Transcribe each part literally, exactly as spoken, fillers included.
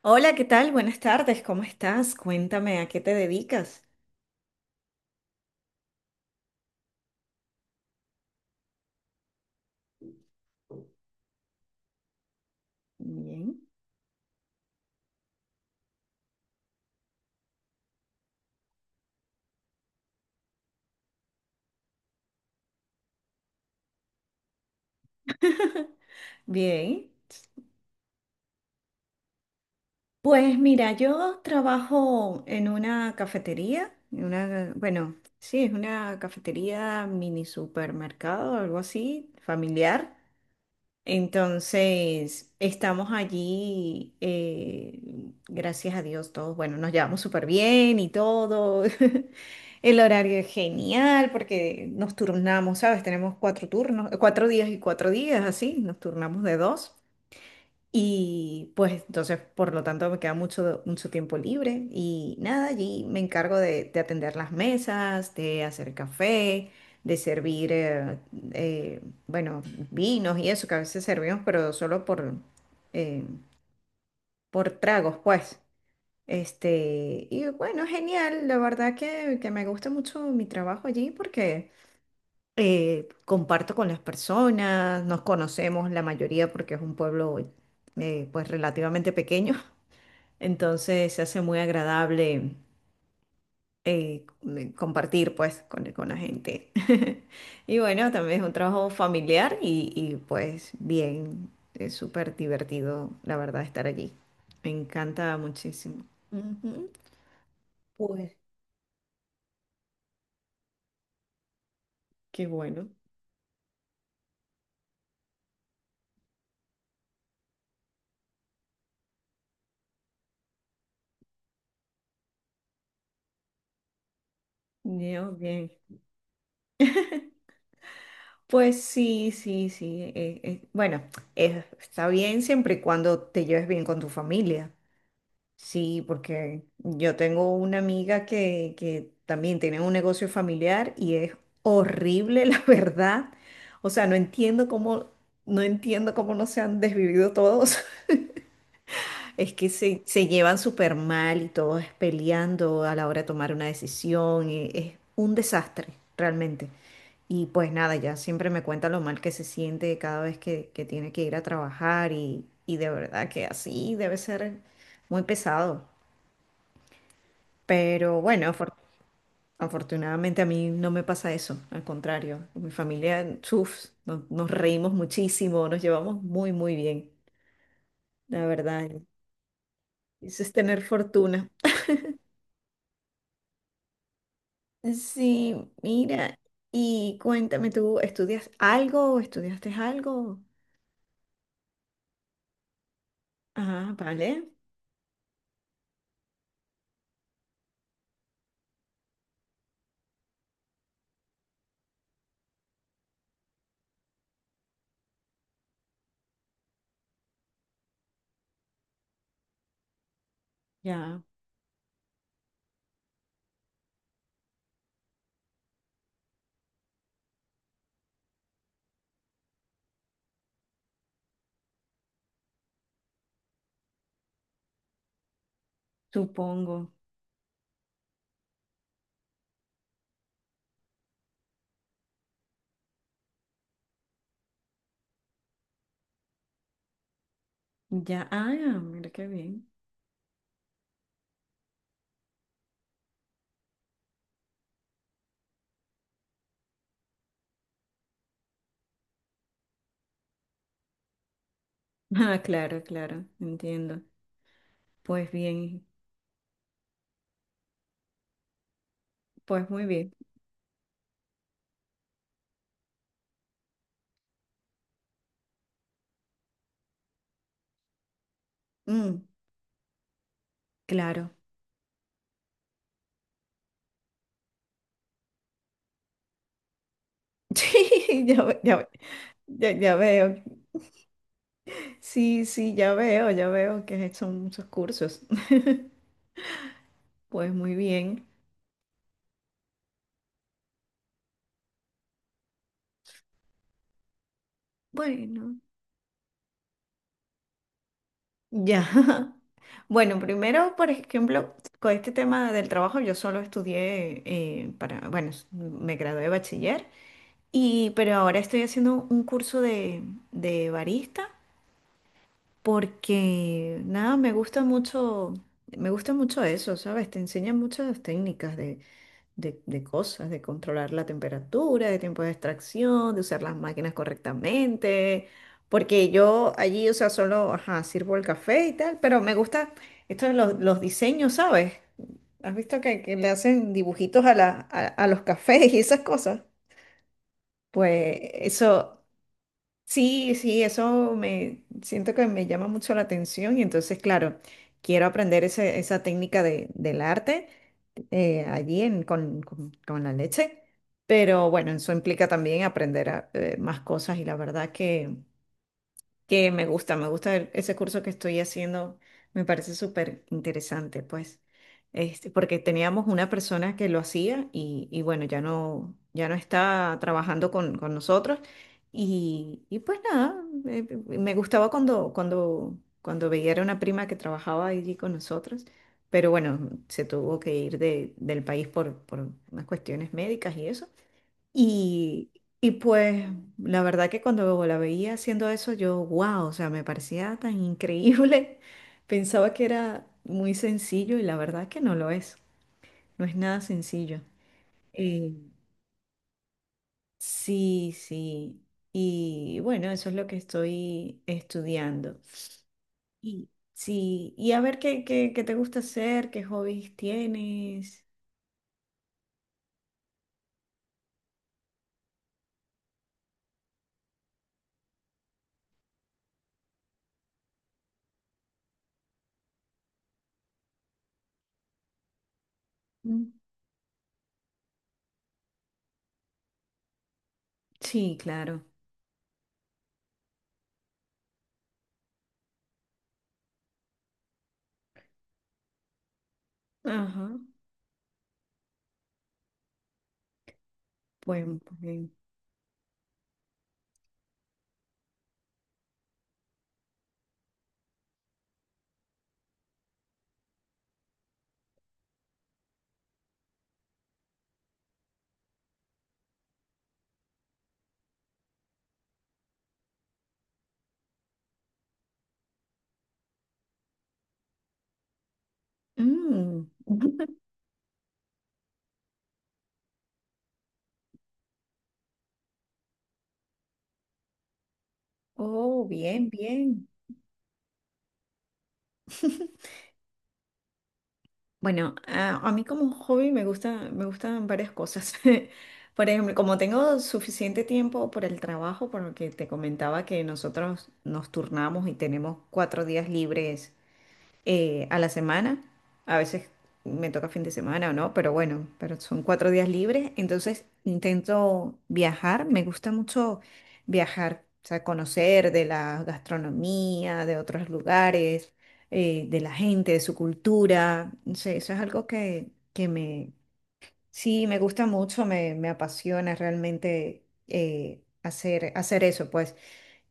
Hola, ¿qué tal? Buenas tardes, ¿cómo estás? Cuéntame, ¿a qué te dedicas? Bien. Bien. Pues mira, yo trabajo en una cafetería, en una, bueno, sí, es una cafetería mini supermercado, algo así, familiar. Entonces, estamos allí, eh, gracias a Dios, todos, bueno, nos llevamos súper bien y todo. El horario es genial porque nos turnamos, ¿sabes? Tenemos cuatro turnos, cuatro días y cuatro días, así, nos turnamos de dos. Y pues entonces, por lo tanto, me queda mucho, mucho tiempo libre y nada, allí me encargo de, de atender las mesas, de hacer café, de servir, eh, eh, bueno, vinos y eso que a veces servimos, pero solo por, eh, por tragos, pues. Este, y bueno, genial, la verdad que, que me gusta mucho mi trabajo allí porque eh, comparto con las personas, nos conocemos la mayoría porque es un pueblo, eh, pues relativamente pequeño. Entonces se hace muy agradable, eh, eh, compartir pues con, con la gente. Y bueno, también es un trabajo familiar y, y, pues bien, es súper divertido, la verdad, estar allí. Me encanta muchísimo. Ujú. Pues qué bueno. Bien, bien. Pues sí, sí, sí. Eh, eh, bueno, es- está bien siempre y cuando te lleves bien con tu familia. Sí, porque yo tengo una amiga que, que también tiene un negocio familiar y es horrible, la verdad. O sea, no entiendo cómo, no entiendo cómo no se han desvivido todos. Es que se, se llevan súper mal y todos peleando a la hora de tomar una decisión. Y es un desastre, realmente. Y pues nada, ya siempre me cuenta lo mal que se siente cada vez que, que tiene que ir a trabajar y, y de verdad que así debe ser muy pesado. Pero bueno, afor- afortunadamente a mí no me pasa eso, al contrario, con mi familia, chuf, nos, nos reímos muchísimo, nos llevamos muy, muy bien, la verdad. Eso es tener fortuna. Sí, mira, y cuéntame, ¿tú estudias algo o estudiaste algo? Ah, vale, ya, supongo. Ya, ah, mira qué bien. Ah, claro, claro, entiendo. Pues bien, pues muy bien. Mm, claro. Sí, ya, ve- ya. Ya, ya veo. Sí, sí, ya veo, ya veo que has hecho muchos cursos. Pues muy bien. Bueno, ya. Bueno, primero, por ejemplo, con este tema del trabajo, yo solo estudié eh, para, bueno, s- me gradué de bachiller, y, pero ahora estoy haciendo un curso de, de barista porque, nada, me gusta mucho, me gusta mucho eso, ¿sabes? Te enseñan muchas técnicas de, de cosas, de controlar la temperatura, de tiempo de extracción, de usar las máquinas correctamente, porque yo allí, o sea, solo, ajá, sirvo el café y tal, pero me gusta esto de los, los diseños, ¿sabes? ¿Has visto que, que le hacen dibujitos a, la, a, a los cafés y esas cosas? Pues eso, sí, sí, eso me siento que me llama mucho la atención y entonces, claro, quiero aprender ese- esa técnica de, del arte, eh, allí en- con, con- con la leche, pero bueno, eso implica también aprender a- eh, más cosas y la verdad que que me gusta, me gusta el- ese curso que estoy haciendo, me parece súper interesante, pues, este, porque teníamos una persona que lo hacía y, y bueno, ya no, ya no está trabajando con, con nosotros y, y pues nada, eh, me gustaba cuando, cuando, cuando veía era una prima que trabajaba allí con nosotros, pero bueno, se tuvo que ir de- del país por, por unas cuestiones médicas y eso. Y, y pues la verdad que cuando la veía haciendo eso, yo, wow, o sea, me parecía tan increíble. Pensaba que era muy sencillo y la verdad que no lo es. No es nada sencillo. Eh, sí, sí. Y bueno, eso es lo que estoy estudiando. Y sí, y a ver qué, qué, qué te gusta hacer, qué hobbies tienes. Mm. Sí, claro. Ajá. Pues, pues, mm. Oh, bien, bien. Bueno, a, a mí como hobby me gusta, me gustan varias cosas. Por ejemplo, como tengo suficiente tiempo por el trabajo, por lo que te comentaba que nosotros nos turnamos y tenemos cuatro días libres, eh, a la semana. A veces me toca fin de semana o no, pero bueno, pero son cuatro días libres. Entonces intento viajar. Me gusta mucho viajar, o sea, conocer de la gastronomía, de otros lugares, eh, de la gente, de su cultura. No sé, eso es algo que, que me, sí, me gusta mucho, me, me apasiona realmente eh, hacer, hacer eso, pues.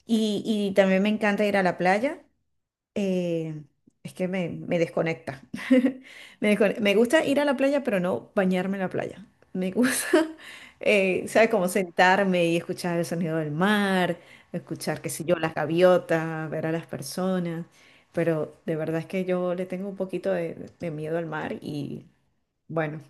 Y, y también me encanta ir a la playa, eh, es que me, me desconecta. Me descone- me gusta ir a la playa, pero no bañarme en la playa. Me gusta, eh, ¿sabes? Como sentarme y escuchar el sonido del mar, escuchar, qué sé yo, las gaviotas, ver a las personas. Pero de verdad es que yo le tengo un poquito de, de miedo al mar y bueno.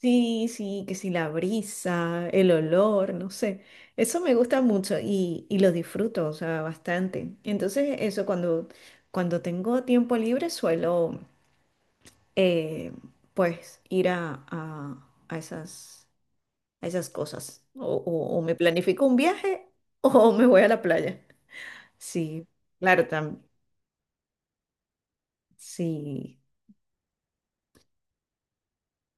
Sí, sí, que si la brisa, el olor, no sé. Eso me gusta mucho y, y lo disfruto, o sea, bastante. Entonces, eso cuando, cuando tengo tiempo libre suelo, eh, pues, ir a, a- a esas, a esas cosas. O, o- o me planifico un viaje o me voy a la playa. Sí, claro, también. Sí,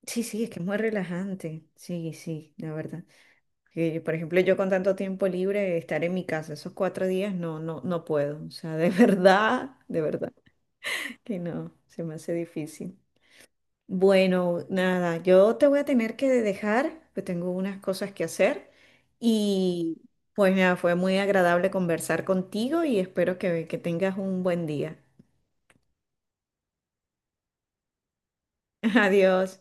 sí, sí, es que es muy relajante. Sí, sí, la verdad. Que, por ejemplo, yo con tanto tiempo libre, estar en mi casa esos cuatro días, no, no, no puedo. O sea, de verdad, de verdad que no, se me hace difícil. Bueno, nada, yo te voy a tener que dejar, pues tengo unas cosas que hacer y pues nada, fue muy agradable conversar contigo y espero que, que tengas un buen día. Adiós.